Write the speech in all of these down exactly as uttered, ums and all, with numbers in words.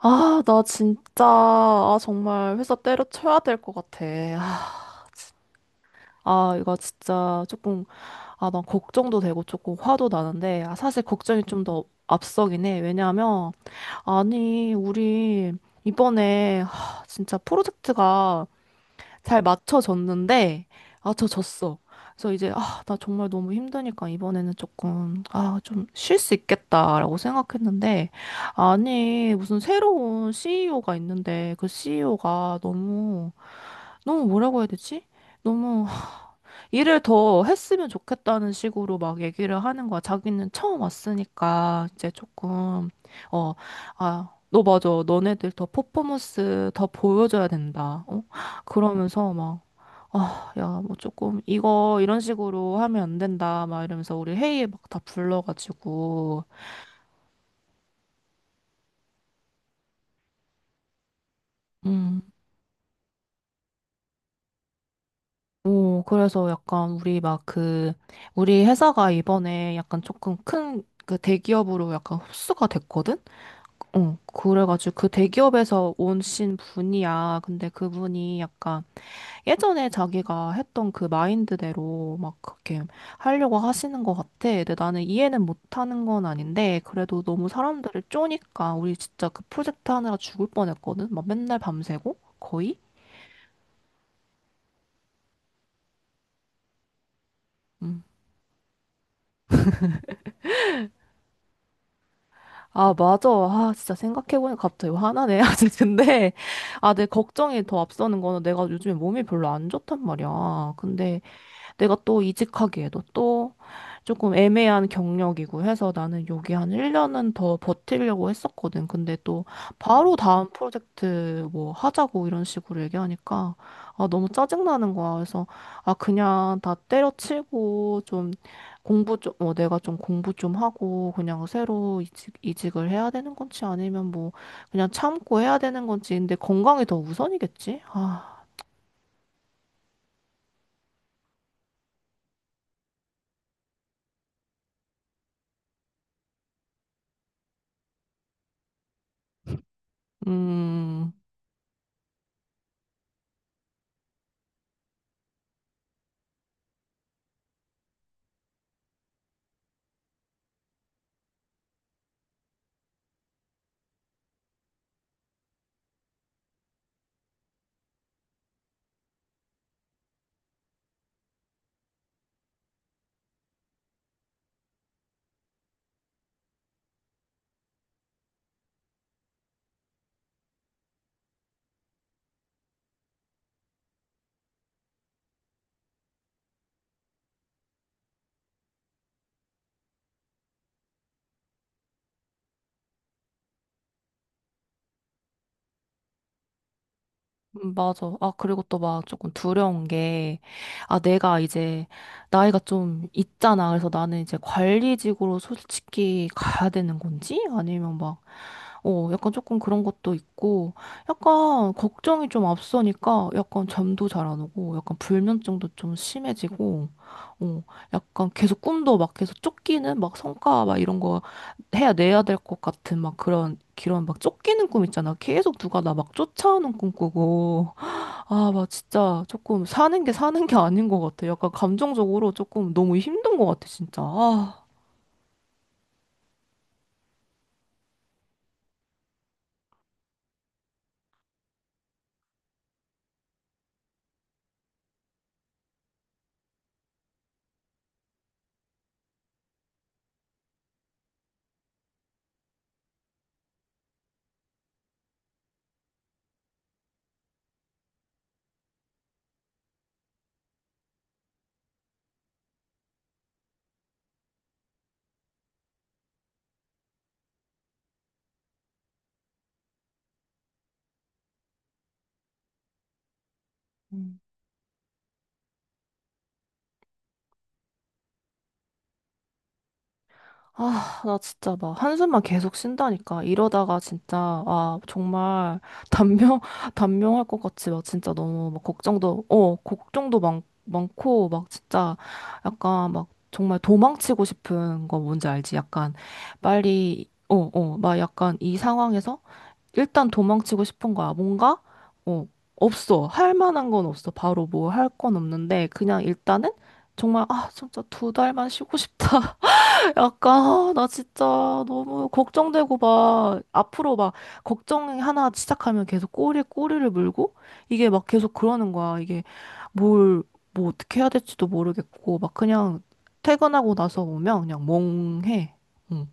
아, 나 진짜, 아, 정말 회사 때려쳐야 될 것 같아. 아, 진- 아, 이거 진짜 조금, 아, 난 걱정도 되고 조금 화도 나는데, 아, 사실 걱정이 좀 더 앞서긴 해. 왜냐하면, 아니, 우리 이번에, 하, 진짜 프로젝트가 잘 맞춰졌는데 맞춰졌어. 그래서 이제 아, 나 정말 너무 힘드니까 이번에는 조금 아, 좀 쉴 수 있겠다라고 생각했는데 아니, 무슨 새로운 씨이오가 있는데 그 씨이오가 너무 너무 뭐라고 해야 되지? 너무 일을 더 했으면 좋겠다는 식으로 막 얘기를 하는 거야. 자기는 처음 왔으니까 이제 조금 어, 아, 너 맞아. 너네들 더 퍼포먼스 더 보여줘야 된다. 어? 그러면서 막 아, 야, 뭐 조금 이거 이런 식으로 하면 안 된다 막 이러면서 우리 회의에 막 다 불러가지고 음. 오, 그래서 약간 우리 막 그 우리 회사가 이번에 약간 조금 큰 그 대기업으로 약간 흡수가 됐거든? 어, 그래가지고 그 대기업에서 오신 분이야. 근데 그분이 약간 예전에 자기가 했던 그 마인드대로 막 그렇게 하려고 하시는 것 같아. 근데 나는 이해는 못하는 건 아닌데, 그래도 너무 사람들을 쪼니까 우리 진짜 그 프로젝트 하느라 죽을 뻔했거든? 막 맨날 밤새고? 거의? 음. 아, 맞아. 아, 진짜 생각해보니까 갑자기 화나네. 아직 근데, 아, 내 걱정이 더 앞서는 거는 내가 요즘에 몸이 별로 안 좋단 말이야. 근데 내가 또 이직하기에도 또 조금 애매한 경력이고 해서 나는 여기 한 일 년은 더 버티려고 했었거든. 근데 또 바로 다음 프로젝트 뭐 하자고 이런 식으로 얘기하니까 아, 너무 짜증나는 거야. 그래서 아, 그냥 다 때려치고 좀 공부 좀, 어, 내가 좀 공부 좀 하고 그냥 새로 이직, 이직을 해야 되는 건지 아니면 뭐 그냥 참고 해야 되는 건지. 근데 건강이 더 우선이겠지? 아, 음. 음, 맞아. 아, 그리고 또 막 조금 두려운 게, 아, 내가 이제 나이가 좀 있잖아. 그래서 나는 이제 관리직으로 솔직히 가야 되는 건지? 아니면 막, 어, 약간 조금 그런 것도 있고, 약간 걱정이 좀 앞서니까 약간 잠도 잘 안 오고, 약간 불면증도 좀 심해지고, 어, 약간 계속 꿈도 막 계속 쫓기는 막 성과 막 이런 거 해야 내야 될 것 같은 막 그런, 그런 막 쫓기는 꿈 있잖아. 계속 누가 나 막 쫓아오는 꿈 꾸고. 아, 막 진짜 조금 사는 게 사는 게 아닌 것 같아. 약간 감정적으로 조금 너무 힘든 것 같아, 진짜. 아, 음. 아, 나 진짜 막 한숨만 계속 쉰다니까. 이러다가 진짜, 아, 정말 단명, 단명할 것 같이 막 진짜 너무 막 걱정도, 어, 걱정도 많, 많고, 막 진짜 약간 막 정말 도망치고 싶은 거 뭔지 알지? 약간 빨리, 어, 어, 막 약간 이 상황에서 일단 도망치고 싶은 거야. 뭔가, 어, 없어. 할 만한 건 없어. 바로 뭐 할 건 없는데, 그냥 일단은 정말, 아, 진짜 두 달만 쉬고 싶다. 약간, 아, 나 진짜 너무 걱정되고 막, 앞으로 막, 걱정 하나 시작하면 계속 꼬리에 꼬리를 물고, 이게 막 계속 그러는 거야. 이게 뭘, 뭐 어떻게 해야 될지도 모르겠고, 막 그냥 퇴근하고 나서 오면 그냥 멍해. 응.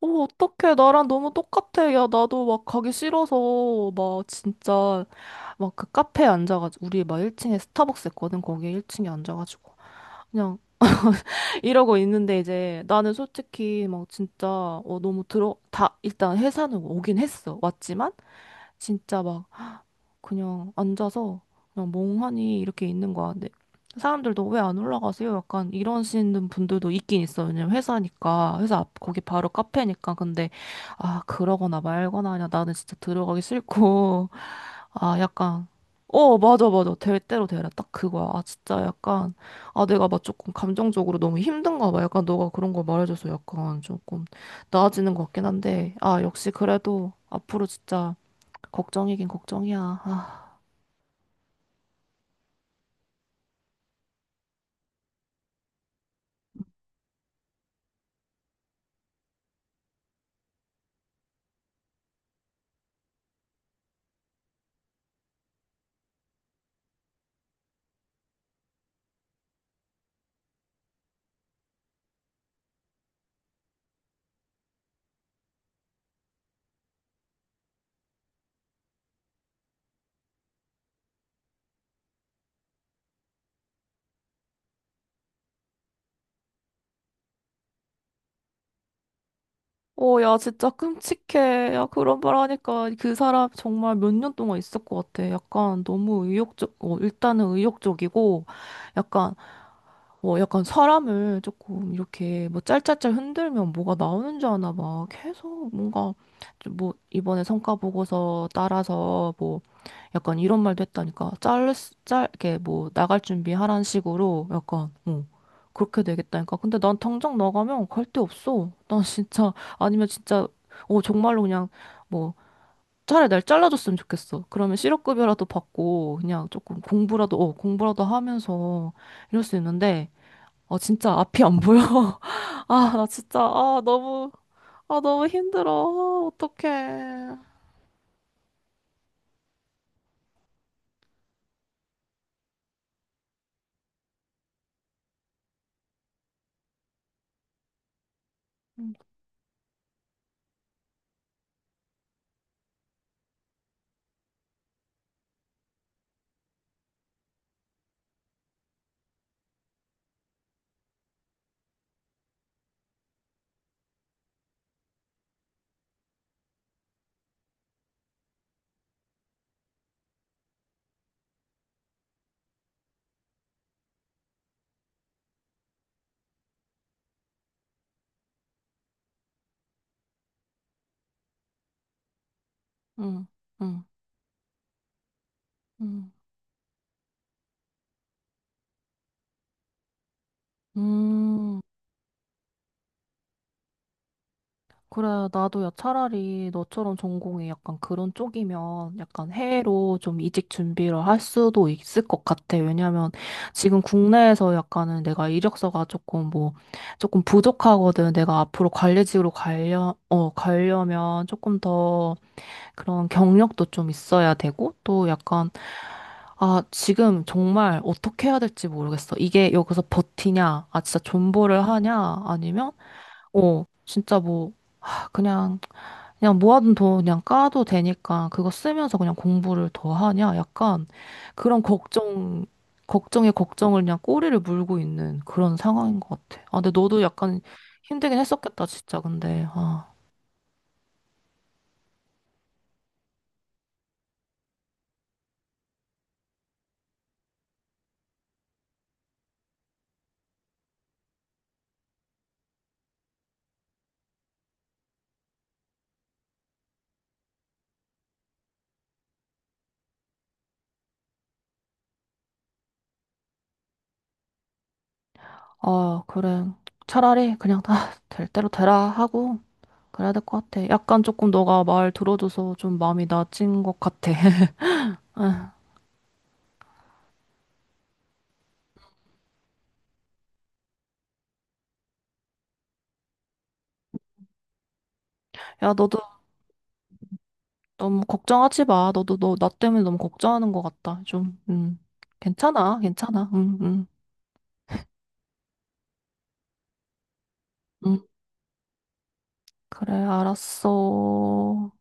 어, 어떡해. 나랑 너무 똑같아. 야, 나도 막 가기 싫어서, 막 진짜, 막 그 카페에 앉아가지고, 우리 막 일 층에 스타벅스 했거든. 거기에 일 층에 앉아가지고. 그냥 이러고 있는데 이제 나는 솔직히 막 진짜, 어, 너무 들어, 다, 일단 회사는 오긴 했어. 왔지만, 진짜 막 그냥 앉아서 그냥 멍하니 이렇게 있는 거야. 근데 사람들도 왜 안 올라가세요? 약간 이러시는 분들도 있긴 있어요. 왜냐면 회사니까 회사 앞 거기 바로 카페니까. 근데 아 그러거나 말거나 그냥 나는 진짜 들어가기 싫고 아 약간 어 맞아 맞아 될 대로 되라 딱 그거야. 아 진짜 약간 아 내가 막 조금 감정적으로 너무 힘든가 봐. 약간 너가 그런 거 말해줘서 약간 조금 나아지는 것 같긴 한데 아 역시 그래도 앞으로 진짜 걱정이긴 걱정이야. 아. 어, 야, 진짜 끔찍해. 야, 그런 말 하니까 그 사람 정말 몇 년 동안 있을 것 같아. 약간 너무 의욕적, 어, 일단은 의욕적이고, 약간 뭐 약간 사람을 조금 이렇게 뭐 짤짤짤 흔들면 뭐가 나오는 줄 아나 봐. 계속 뭔가 좀뭐 이번에 성과 보고서 따라서 뭐 약간 이런 말도 했다니까. 짤, 짤, 이렇게 뭐 나갈 준비하라는 식으로 약간, 어, 그렇게 되겠다니까. 근데 난 당장 나가면 갈 데 없어. 난 진짜, 아니면 진짜, 어, 정말로 그냥 뭐 차라리 날 잘라줬으면 좋겠어. 그러면 실업급여라도 받고 그냥 조금 공부라도, 어, 공부라도 하면서 이럴 수 있는데 아, 진짜 앞이 안 보여. 아, 나 진짜, 아, 너무, 아, 너무 힘들어. 아, 어떡해. 응, 응, 응. 음, 그래, 나도 야, 차라리 너처럼 전공이 약간 그런 쪽이면 약간 해외로 좀 이직 준비를 할 수도 있을 것 같아. 왜냐면 지금 국내에서 약간은 내가 이력서가 조금 뭐, 조금 부족하거든. 내가 앞으로 관리직으로 가려, 어, 가려면 조금 더 그런 경력도 좀 있어야 되고, 또 약간 아, 지금 정말 어떻게 해야 될지 모르겠어. 이게 여기서 버티냐, 아, 진짜 존버를 하냐, 아니면, 어, 진짜 뭐, 하, 그냥, 그냥 모아둔 돈 그냥 까도 되니까 그거 쓰면서 그냥 공부를 더 하냐, 약간 그런 걱정, 걱정에 걱정을 그냥 꼬리를 물고 있는 그런 상황인 것 같아. 아, 근데 너도 약간 힘들긴 했었겠다, 진짜, 근데. 아, 아, 그래. 차라리 그냥 다 될 대로 되라 하고. 그래야 될 것 같아. 약간 조금 너가 말 들어줘서 좀 마음이 나아진 것 같아. 야, 너도 너무 걱정하지 마. 너도 너, 나 때문에 너무 걱정하는 것 같다. 좀, 음. 괜찮아, 괜찮아. 응, 응, 응. 그래, 알았어.